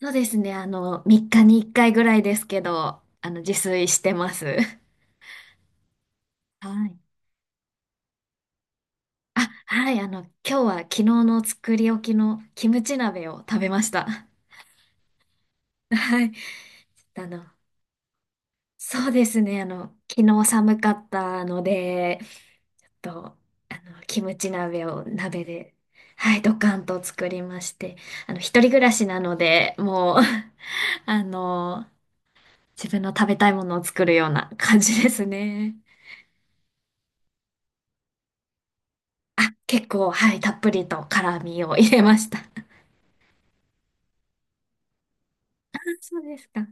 そうですね。3日に1回ぐらいですけど、自炊してます。はい。あ、はい。今日は昨日の作り置きのキムチ鍋を食べました。はい。あの、そうですね。昨日寒かったので、と、キムチ鍋を鍋で、はい、ドカンと作りまして、一人暮らしなので、もう あの、自分の食べたいものを作るような感じですね。あ、結構、はい、たっぷりと辛味を入れました。あ、そうですか。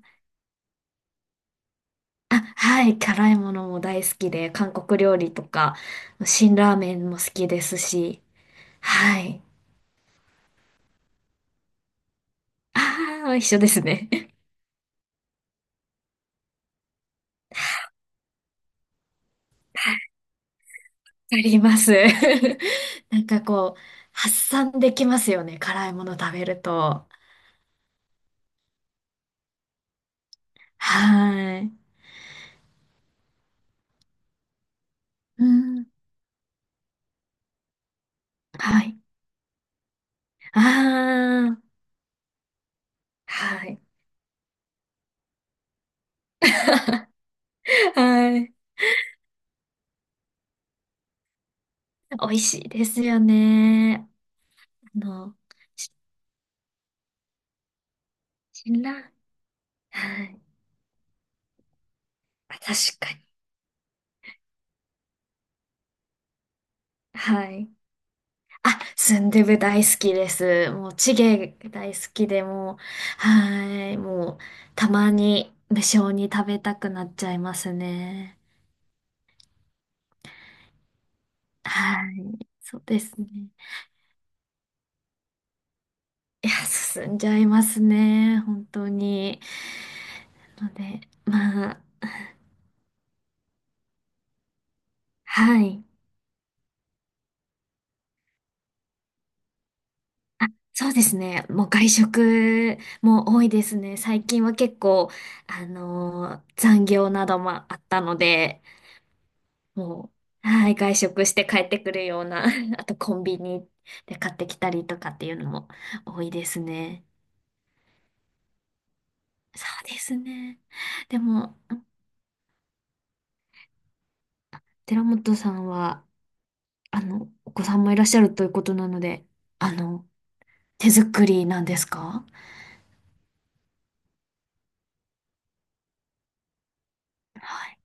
あ、はい、辛いものも大好きで、韓国料理とか、辛ラーメンも好きですし、はい。ああ、一緒ですね。あります。なんかこう、発散できますよね、辛いもの食べると。はい。うん、はい。ああ、はい。はい。美味しいですよね。あの、し辛ラーはい。あ、確かに。はい。あ、スンドゥブ大好きです。もう、チゲ大好きでもう、はい。もう、たまに無性に食べたくなっちゃいますね。はい。そうですね。いや、進んじゃいますね。本当に。ので、まあ、はい。あ、そうですね。もう外食も多いですね。最近は結構、残業などもあったので、もう、はい、外食して帰ってくるような、あとコンビニで買ってきたりとかっていうのも多いですね。そうですね。でも、寺本さんは、お子さんもいらっしゃるということなので、あの、手作りなんですか？はい。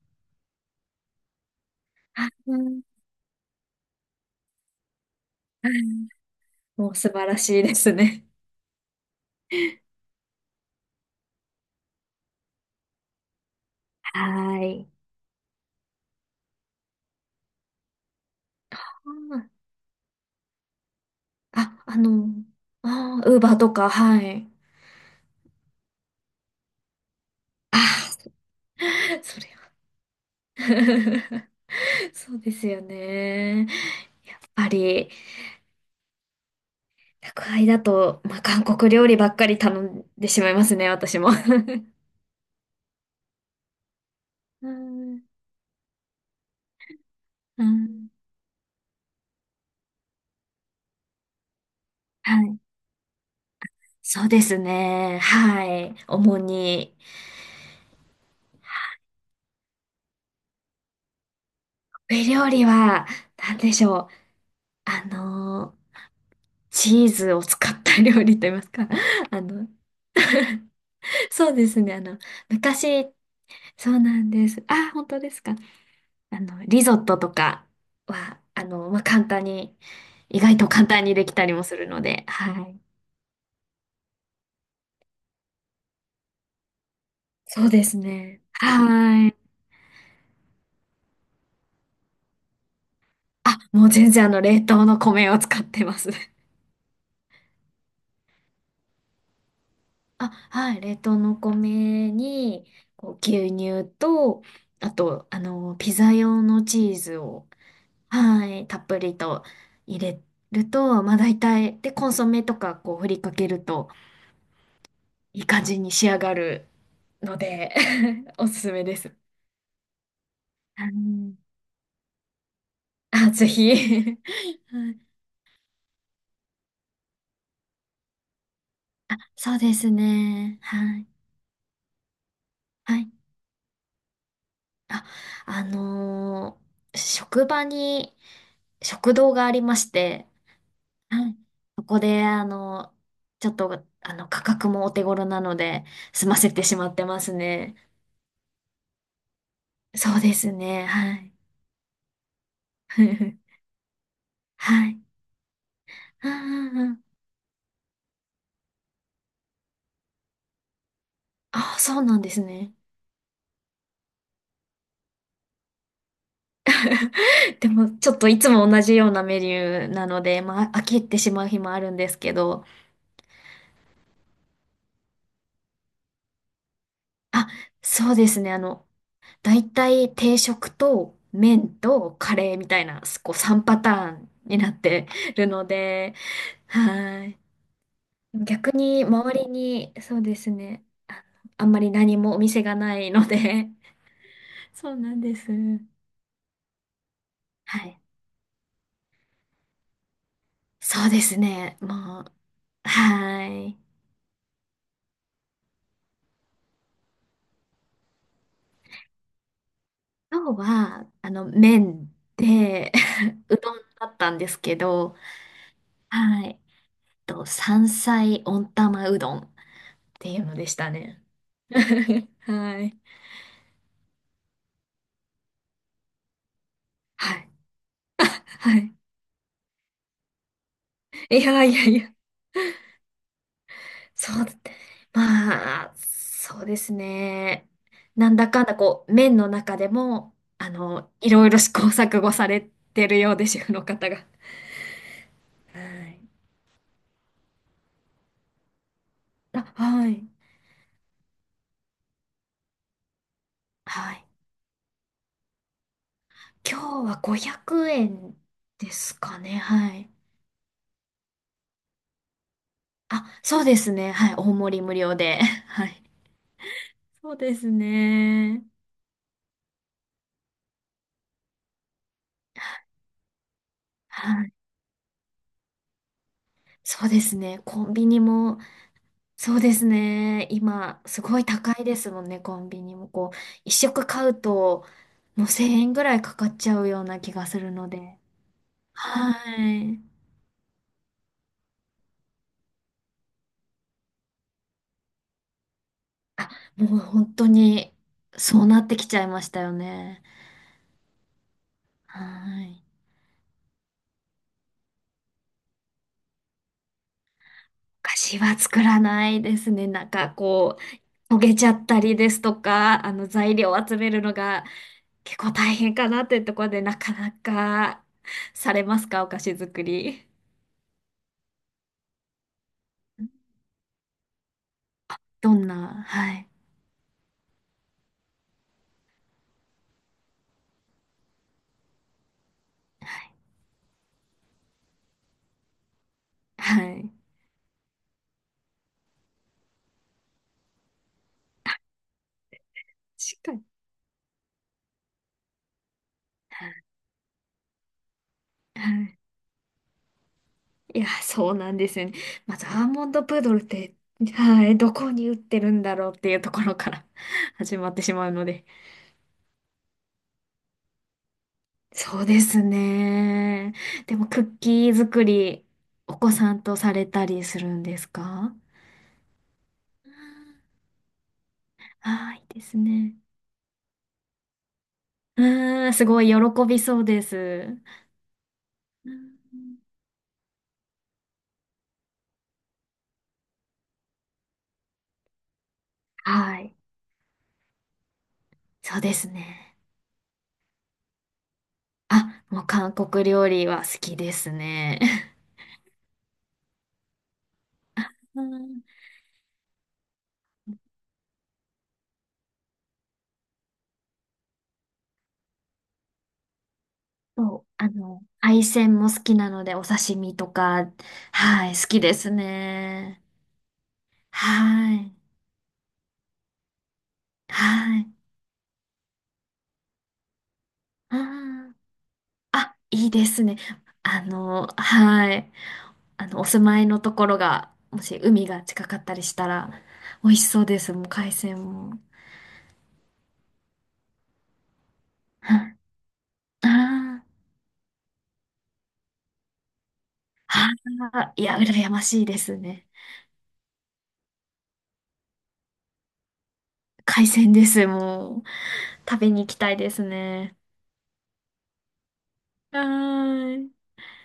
あ、うん。はい。もう素晴らしいですね。はい。あ、あー、ウーバーとか、はい。あー、それは。そうですよね。ぱり、宅配だと、まあ、韓国料理ばっかり頼んでしまいますね、私も。うん、うん、はい。そうですね。はい。主に。ウェイ料理は、なんでしょう。あの、チーズを使った料理と言いますか。あの、そうですね。昔、そうなんです。あ、本当ですか。リゾットとかは、まあ、簡単に、意外と簡単にできたりもするので、はい。そうですね。はい。あ、もう全然あの冷凍の米を使ってます。あ、はい。冷凍の米に、こう、牛乳と、あと、ピザ用のチーズを、はい、たっぷりと入れると、まあ大体、で、コンソメとか、こう、振りかけると、いい感じに仕上がるので おすすめです。はい。あ、ぜひ。 はい。あ、そうですね。はい。はい。あ、あのー職場に食堂がありまして、はい。そこで、ちょっと、価格もお手頃なので、済ませてしまってますね。そうですね、はい。はい。うんうんうん。あ、そうなんですね。でも、ちょっといつも同じようなメニューなので、まあ、飽きてしまう日もあるんですけど、あ、そうですね、大体定食と麺とカレーみたいな、こう3パターンになってるので、はい。逆に周りに、そうですね。あ、あんまり何もお店がないので、そうなんです。はい。そうですね。もう、はい。今日は、麺で、うどんだったんですけど、はい。と、山菜温玉うどんっていうのでしたね。はい。はい。はい。いやいやいや、そうだって。まあ、そうですね。なんだかんだこう、面の中でも、いろいろ試行錯誤されてるようで、主婦の方が。はい。あ、はい。はい。今日は500円ですかね。はい。あ、そうですね。はい。大盛り無料で。はい。そうですね。はい。そうですね。コンビニも、そうですね。今、すごい高いですもんね、コンビニも。こう、一食買うと、もう1000円ぐらいかかっちゃうような気がするので。はい。あ、もう本当に、そうなってきちゃいましたよね。はい。お菓子は作らないですね。なんかこう、焦げちゃったりですとか、材料を集めるのが結構大変かなっていうところで、なかなかされますか、お菓子作り？どんな、はい。はいはい。確かに。はい。いや、そうなんですよね。まず、アーモンドプードルって、はい、どこに売ってるんだろうっていうところから 始まってしまうので。そうですね。でも、クッキー作り、お子さんとされたりするんですか？ああー、いいですね。うん、すごい喜びそうです。うん。はい。そうですね。あ、もう韓国料理は好きですね。うん。そう、海鮮も好きなので、お刺身とか、はい、好きですね。はい、はい。あー、あ、いいですね。はい。お住まいのところが、もし海が近かったりしたら、美味しそうです、もう海鮮も。はい。あー、あー、いや、羨ましいですね。海鮮です、もう。食べに行きたいですね。はーい。